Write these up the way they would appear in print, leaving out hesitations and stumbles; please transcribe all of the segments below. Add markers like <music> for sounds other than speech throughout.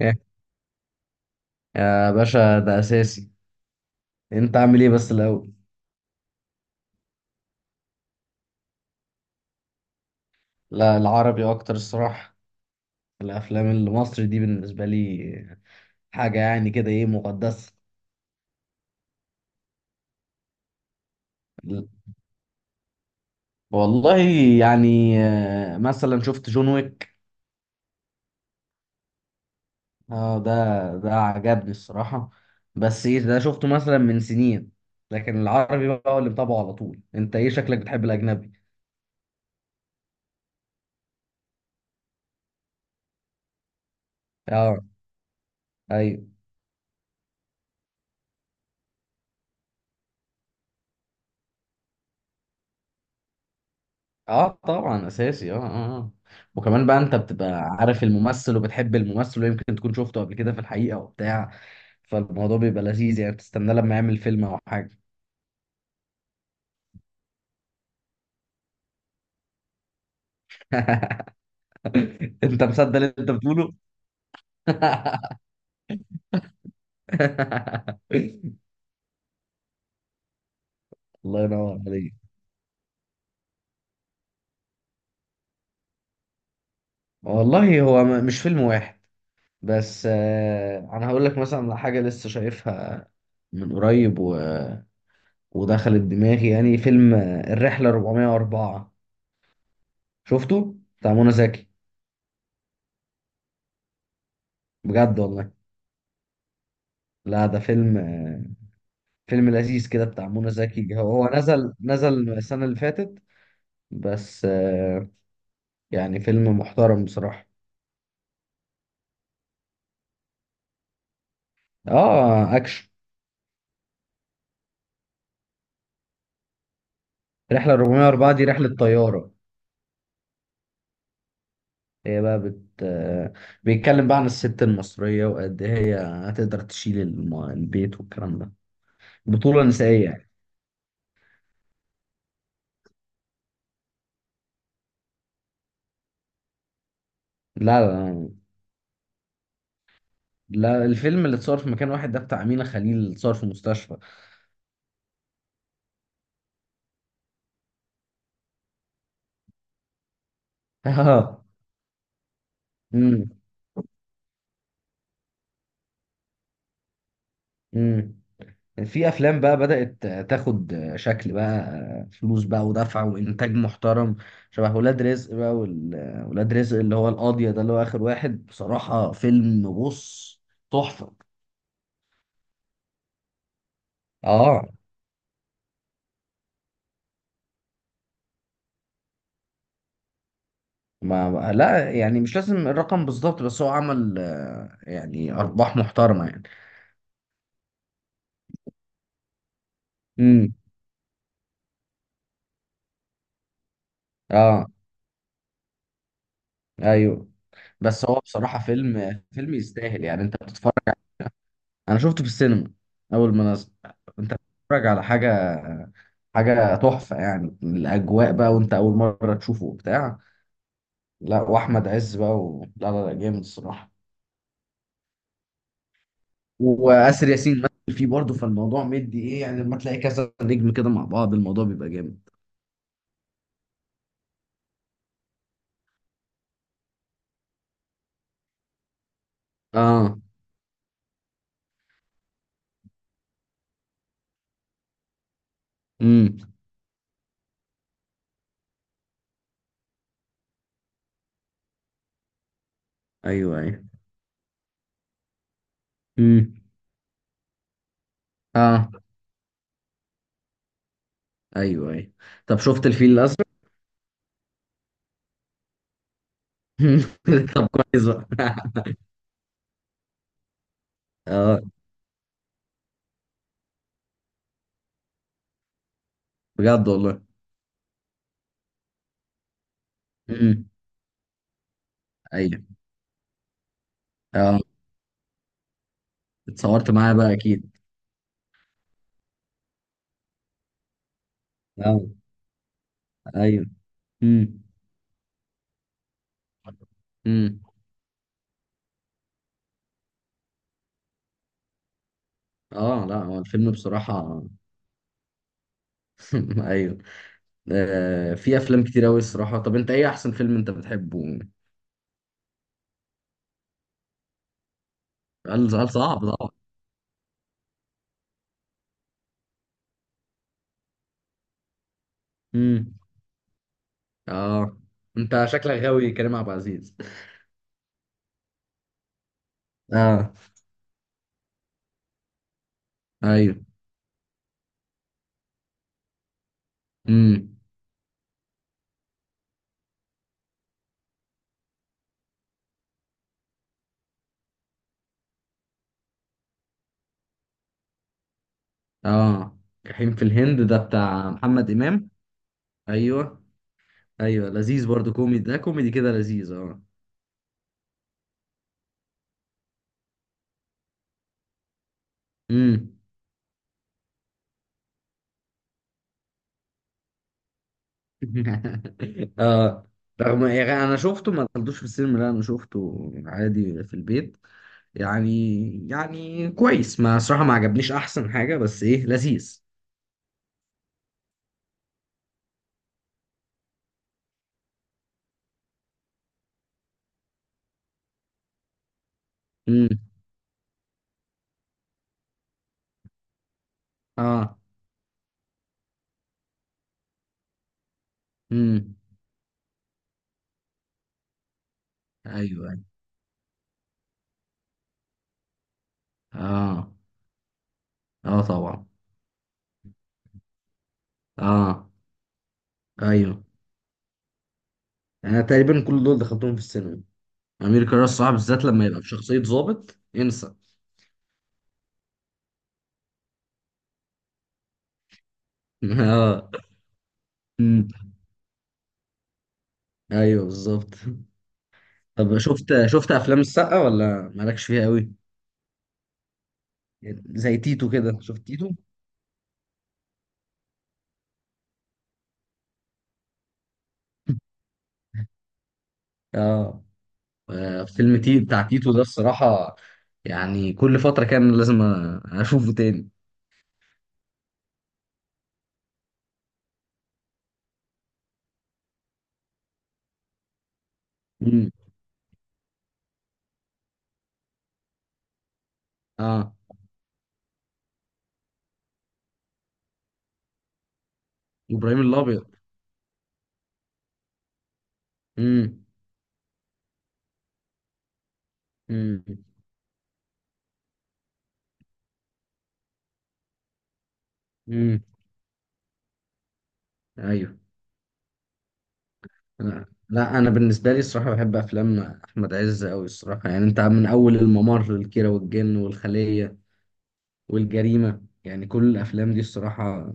إيه؟ يا باشا ده اساسي. انت عامل ايه بس الاول؟ لا، العربي اكتر الصراحه. الافلام المصري دي بالنسبه لي حاجه يعني كده ايه مقدسه. والله يعني مثلا شفت جون ويك. اه، ده عجبني الصراحه، بس ايه ده شفته مثلا من سنين، لكن العربي بقى هو اللي متابعه على طول. انت ايه شكلك بتحب الاجنبي؟ اه، ايوه. اه طبعا، اساسي، اه، اه. آه. وكمان بقى انت بتبقى عارف الممثل وبتحب الممثل، ويمكن تكون شفته قبل كده في الحقيقة وبتاع، فالموضوع بيبقى لذيذ يعني بتستناه لما يعمل فيلم او حاجة. <laughs> انت مصدق اللي انت بتقوله؟ <laughs> الله ينور عليك. والله هو مش فيلم واحد، بس انا هقول لك مثلا على حاجة لسه شايفها من قريب ودخلت دماغي، يعني فيلم الرحلة 404، شفته بتاع منى زكي. بجد والله؟ لا ده فيلم فيلم لذيذ كده بتاع منى زكي، هو نزل السنة اللي فاتت. بس يعني فيلم محترم بصراحة. اه، اكشن. رحلة 404 دي رحلة طيارة، هي بقى بت آه، بيتكلم بقى عن الست المصرية وقد إيه هي هتقدر تشيل البيت والكلام ده، بطولة نسائية يعني. لا، لا، لا. الفيلم اللي اتصور في مكان واحد ده بتاع أمينة خليل، اتصور في مستشفى. <laughs> اه. امم. امم. في افلام بقى بدأت تاخد شكل بقى، فلوس بقى ودفع وانتاج محترم، شبه ولاد رزق بقى ولاد رزق اللي هو القاضية ده اللي هو اخر واحد، بصراحة فيلم، بص، تحفة. اه. لا، يعني مش لازم الرقم بالظبط، بس هو عمل يعني ارباح محترمة يعني. امم. اه، ايوه. بس هو بصراحة فيلم فيلم يستاهل، يعني انت بتتفرج. انا شفته في السينما اول ما نزل. انت بتتفرج على حاجه، حاجه تحفه، يعني الاجواء بقى وانت اول مره تشوفه وبتاع. لا، واحمد عز بقى لا، لا، لا، جامد الصراحه. واسر ياسين مثل فيه برضه، فالموضوع مدي ايه يعني لما تلاقي كذا نجم كده مع بعض الموضوع بيبقى جامد. اه، امم، ايوه، ايوه، امم، اه، ايوه، ايوه. طب شفت الفيل الازرق؟ <laughs> طب كويس بقى. <laughs> اه، بجد والله. امم، ايوه، اه. اتصورت معاه بقى اكيد؟ آه. ايوه. امم. امم. اه. لا، هو الفيلم بصراحة. <laughs> ايوه. في افلام كتير قوي الصراحة، طب انت ايه احسن فيلم انت بتحبه؟ سؤال سؤال صعب طبعا. امم، اه. انت شكلك غاوي كريم عبد العزيز. اه، ايوه. امم، اه. جحيم في الهند ده بتاع محمد امام. ايوه، ايوه، لذيذ برضو كوميدي، ده كوميدي كده لذيذ، اه. امم. <laughs> اه. رغم يعني انا شفته ما دخلتوش في السينما، لا انا شفته عادي في البيت يعني. كويس، ما صراحة ما عجبنيش احسن حاجة، بس ايه لذيذ. امم، اه. امم، ايوه، أيوة. اه، اه طبعا، اه، ايوه. انا تقريبا كل دول دخلتهم في السينما. امير كرارة الصراحة بالذات لما يبقى بشخصية ضابط انسى. <laughs> اه، امم، ايوه، بالظبط. طب شفت افلام السقا ولا مالكش فيها قوي؟ زي تيتو كده، شفت تيتو؟ اه، فيلم بتاع تيتو ده الصراحة، يعني كل فترة كان لازم أشوفه تاني. امم، اه. إبراهيم الأبيض. امم. امم. امم، أيوه. لا. لا، أنا بالنسبة لي الصراحة بحب أفلام أحمد عز أوي الصراحة، يعني أنت من أول الممر، الكيرة والجن، والخلية، والجريمة، يعني كل الأفلام دي الصراحة.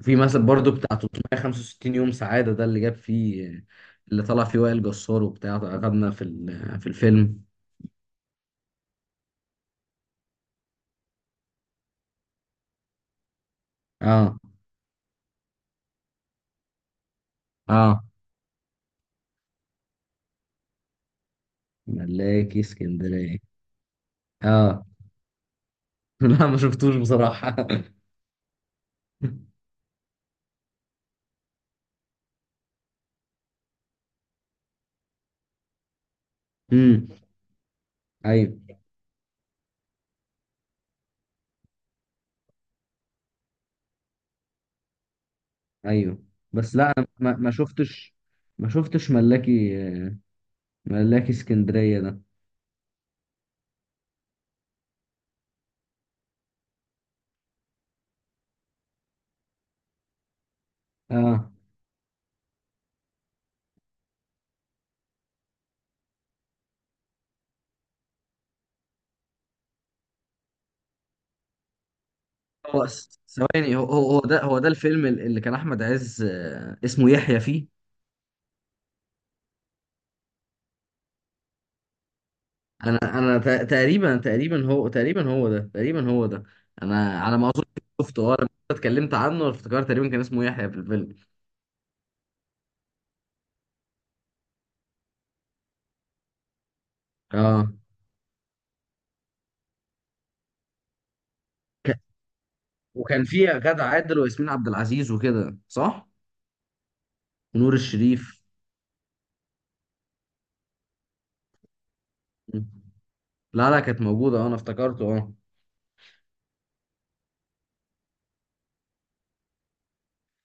في مثلا برضو بتاع 365 يوم سعادة ده، اللي جاب فيه اللي طلع فيه وائل جسار وبتاع، أخدنا في في الفيلم. اه، اه. ملاكي اسكندرية. اه. <laughs> لا، ما شفتوش بصراحة. <laughs> امم، ايوه، ايوه. بس لا، أنا ما شفتش، ما شفتش ملاكي، ملاكي اسكندرية ده. اه، هو ثواني، هو ده الفيلم اللي كان احمد عز اسمه يحيى فيه. انا تقريبا، هو تقريبا هو ده. انا على ما اظن شفته، اه لما أنت اتكلمت عنه افتكرت تقريبا كان اسمه يحيى في الفيلم. اه، ك... وكان فيه غادة عادل وياسمين عبد العزيز وكده، صح؟ ونور الشريف. لا، لا، كانت موجوده، اه، انا افتكرته اه.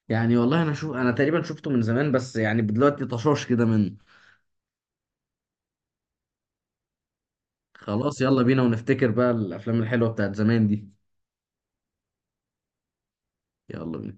يعني والله انا تقريبا شفته من زمان، بس يعني دلوقتي طشاش كده من. خلاص، يلا بينا ونفتكر بقى الافلام الحلوه بتاعت زمان دي. يلا بينا.